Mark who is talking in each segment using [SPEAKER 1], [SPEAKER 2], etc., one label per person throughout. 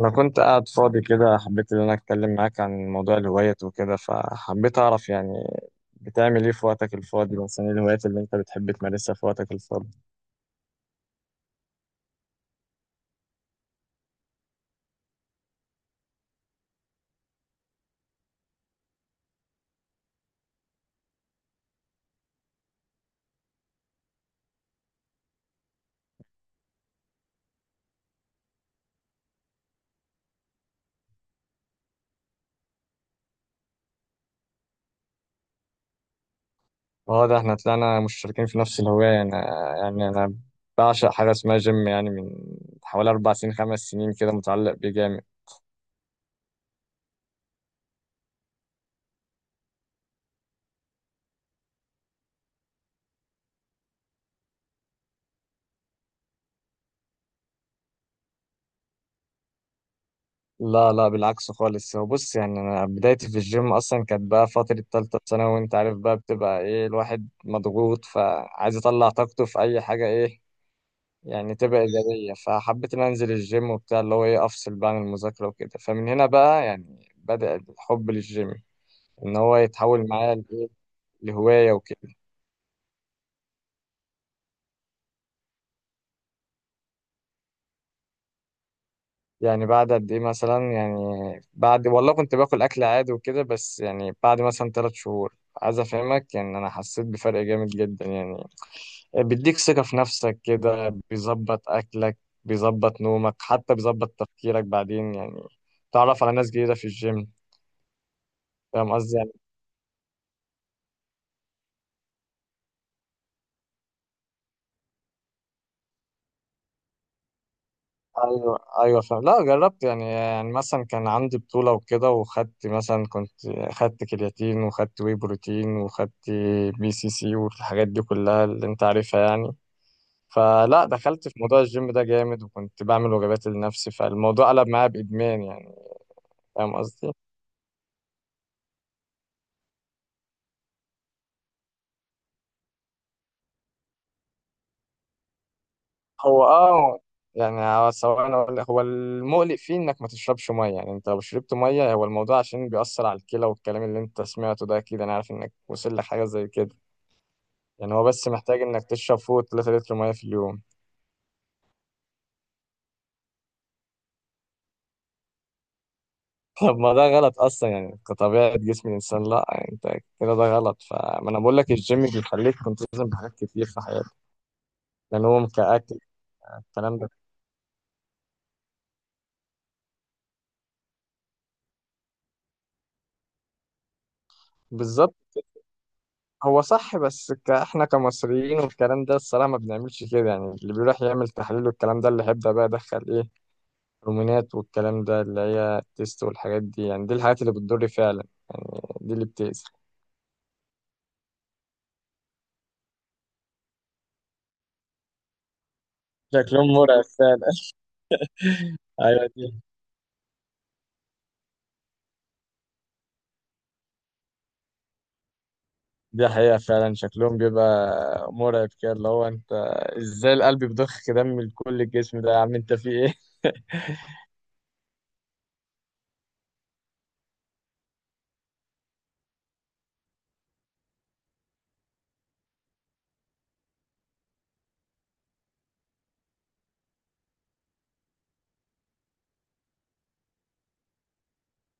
[SPEAKER 1] أنا كنت قاعد فاضي كده، حبيت إن أنا أتكلم معاك عن موضوع الهوايات وكده. فحبيت أعرف يعني بتعمل إيه في وقتك الفاضي؟ مثلا إيه الهوايات اللي أنت بتحب تمارسها في وقتك الفاضي؟ أه ده إحنا طلعنا مشتركين في نفس الهواية. أنا يعني أنا بعشق حاجة اسمها جيم، يعني من حوالي أربع سنين خمس سنين كده متعلق بيه جامد. لا بالعكس خالص. هو بص، يعني أنا بدايتي في الجيم أصلا كانت بقى فترة تالتة ثانوي، وأنت عارف بقى بتبقى إيه، الواحد مضغوط فعايز يطلع طاقته في أي حاجة. إيه يعني تبقى إيجابية، فحبيت إن أنا أنزل الجيم وبتاع، اللي هو إيه، أفصل بقى عن المذاكرة وكده. فمن هنا بقى يعني بدأ الحب للجيم، إن هو يتحول معايا لإيه، لهواية وكده. يعني بعد قد إيه مثلا؟ يعني بعد والله كنت باكل أكل عادي وكده، بس يعني بعد مثلا تلات شهور، عايز أفهمك يعني، أنا حسيت بفرق جامد جدا. يعني بيديك ثقة في نفسك كده، بيظبط أكلك، بيظبط نومك، حتى بيظبط تفكيرك بعدين. يعني تعرف على ناس جديدة في الجيم، فاهم قصدي؟ ايوه ايوه فاهم. لا جربت يعني، يعني مثلا كان عندي بطوله وكده، وخدت مثلا، كنت خدت كرياتين وخدت واي بروتين وخدت بي سي سي والحاجات دي كلها اللي انت عارفها يعني. فلا دخلت في موضوع الجيم ده جامد، وكنت بعمل وجبات لنفسي، فالموضوع قلب معايا بادمان يعني، فاهم قصدي؟ هو اه يعني، هو سواء أنا أقول لك، هو المقلق فيه انك ما تشربش ميه. يعني انت لو شربت ميه، هو الموضوع عشان بيأثر على الكلى، والكلام اللي انت سمعته ده اكيد، انا عارف انك وصل لحاجه زي كده. يعني هو بس محتاج انك تشرب فوق 3 لتر ميه في اليوم. طب ما ده غلط اصلا يعني، كطبيعه جسم الانسان، لا يعني انت كده ده غلط. فما انا بقول لك الجيم بيخليك تلتزم بحاجات كتير في حياتك، نوم كاكل. الكلام ده بالظبط، هو صح، بس احنا كمصريين والكلام ده الصراحه ما بنعملش كده. يعني اللي بيروح يعمل تحاليل والكلام ده، اللي هيبدا بقى يدخل ايه، هرمونات والكلام ده اللي هي التست والحاجات دي، يعني دي الحاجات اللي بتضر فعلا، يعني دي اللي بتأذي. شكلهم مرعب فعلا. ايوه، دي حقيقة فعلا، شكلهم بيبقى مرعب كده، اللي هو انت ازاي القلب بيضخ دم لكل الجسم ده؟ يا عم انت في ايه؟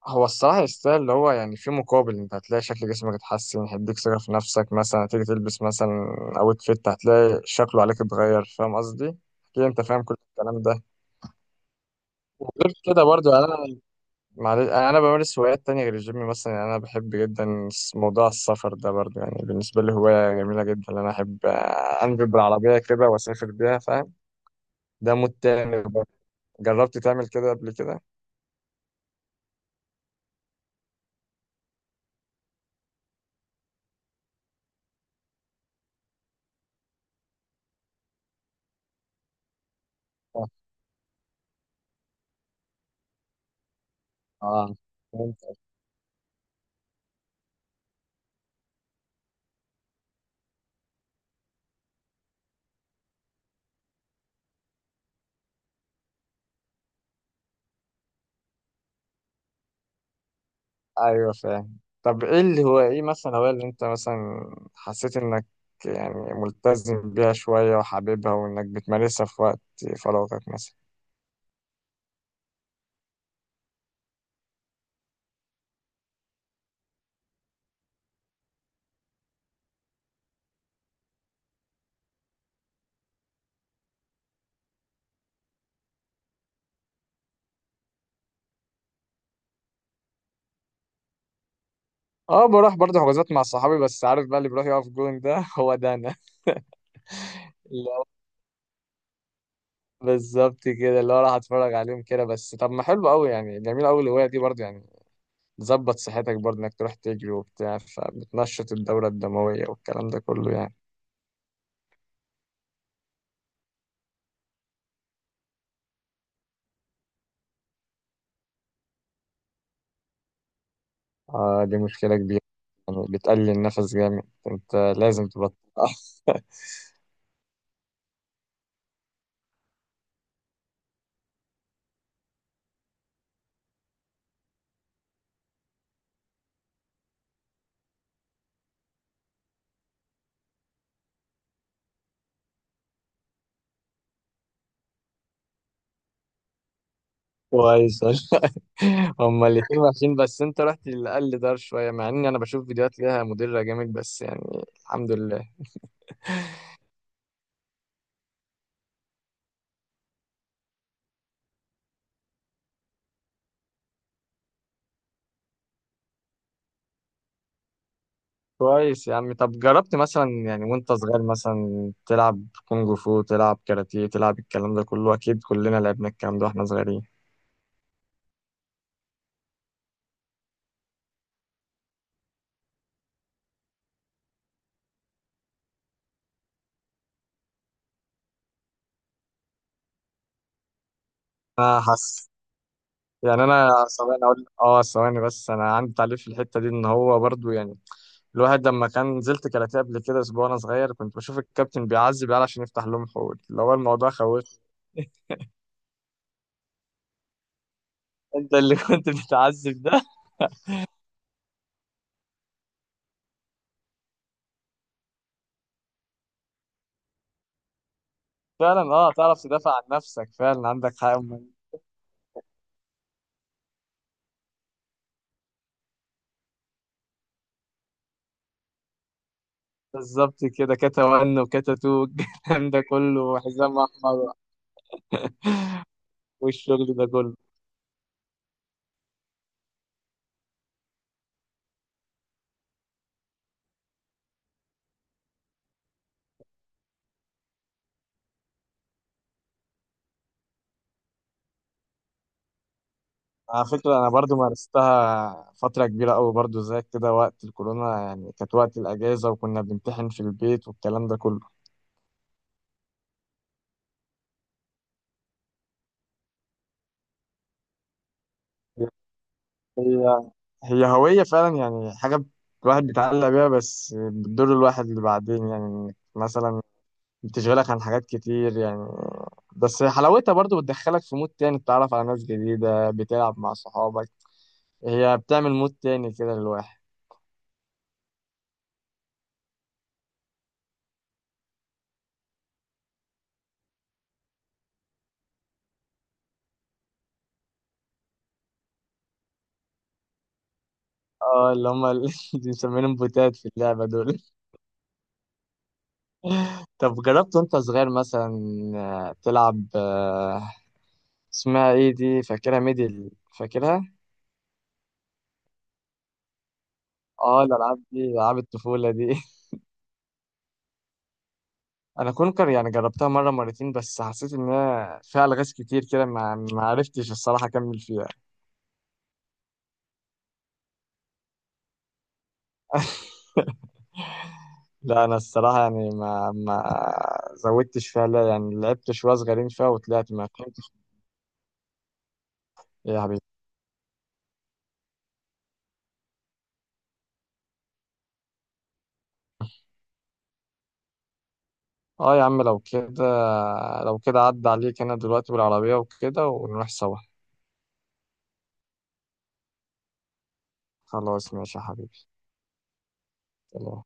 [SPEAKER 1] هو الصراحة يستاهل، اللي هو يعني في مقابل، انت هتلاقي شكل جسمك اتحسن، هيديك ثقة في نفسك، مثلا هتيجي تلبس مثلا اوت فيت هتلاقي شكله عليك اتغير، فاهم قصدي؟ اكيد انت فاهم كل الكلام ده. وغير كده برضو يعني انا، معلش يعني انا بمارس هوايات تانية غير الجيم، مثلا يعني انا بحب جدا موضوع السفر ده برضو. يعني بالنسبة لي هواية جميلة جدا، ان انا احب انجب بالعربية كده واسافر بيها، فاهم؟ ده متعمل برضه؟ جربت تعمل كده قبل كده؟ اه آه. فهمت. ايوه فاهم. طب ايه اللي هو ايه مثلا، هو اللي انت مثلا حسيت انك يعني ملتزم بيها شوية وحاببها، وانك بتمارسها في وقت فراغك مثلا؟ اه بروح برضه حجوزات مع صحابي، بس عارف بقى اللي بيروح يقف جون ده هو ده انا. لا، بالظبط كده، اللي هو راح اتفرج عليهم كده بس. طب ما حلو قوي يعني، جميل قوي الهواية دي برضه. يعني تظبط صحتك برضه انك تروح تجري وبتاع، فبتنشط الدورة الدموية والكلام ده كله يعني. آه دي مشكلة كبيرة، يعني بتقلل النفس جامد، انت لازم تبطل. كويس والله. هما الاتنين وحشين، بس انت رحت للأقل دار شوية، مع اني انا بشوف فيديوهات ليها مديرة جامد، بس يعني الحمد لله. كويس يا عم. طب جربت مثلا يعني وانت صغير مثلا تلعب كونج فو، تلعب كاراتيه، تلعب الكلام ده كله؟ اكيد كلنا لعبنا الكلام ده واحنا صغيرين. انا حاسس يعني انا، ثواني اقول اه، ثواني بس انا عندي تعليق في الحتة دي. ان هو برضو يعني، الواحد لما كان نزلت كاراتيه قبل كده اسبوع وانا صغير، كنت بشوف الكابتن بيعذب العيال عشان يفتح لهم حقول، اللي هو الموضوع خوفني. انت اللي كنت بتعذب ده؟ فعلا اه، تعرف تدافع عن نفسك، فعلا عندك حق أمال. بالظبط كده، كاتا 1 وكاتا 2 الكلام ده كله، وحزام احمر والشغل ده كله. على فكره انا برضو مارستها فتره كبيره قوي برضو زيك كده، وقت الكورونا يعني، كانت وقت الاجازه وكنا بنمتحن في البيت والكلام ده كله. هي هي هوية فعلا، يعني حاجة الواحد بيتعلق بيها، بس بتضر الواحد اللي بعدين، يعني مثلا بتشغلك عن حاجات كتير يعني. بس حلاوتها برضو بتدخلك في مود تاني، بتتعرف على ناس جديدة، بتلعب مع صحابك، هي بتعمل مود تاني كده للواحد. اه اللي هم، اللي بنسميهم بوتات في اللعبة دول. طب جربت وانت صغير مثلا تلعب اسمها ايه دي، فاكرها ميدل، فاكرها. اه الألعاب دي ألعاب الطفولة دي. انا كونكر يعني جربتها مره مرتين، بس حسيت ان هي فيها الغاز كتير كده، ما عرفتش الصراحه اكمل فيها. لا انا الصراحه يعني ما زودتش فيها، لا يعني لعبت شويه صغيرين فيها وطلعت ما فهمتش. إيه يا حبيبي؟ اه يا عم لو كده، لو كده عدى عليك، انا دلوقتي بالعربيه وكده ونروح سوا. خلاص ماشي يا حبيبي. يلا.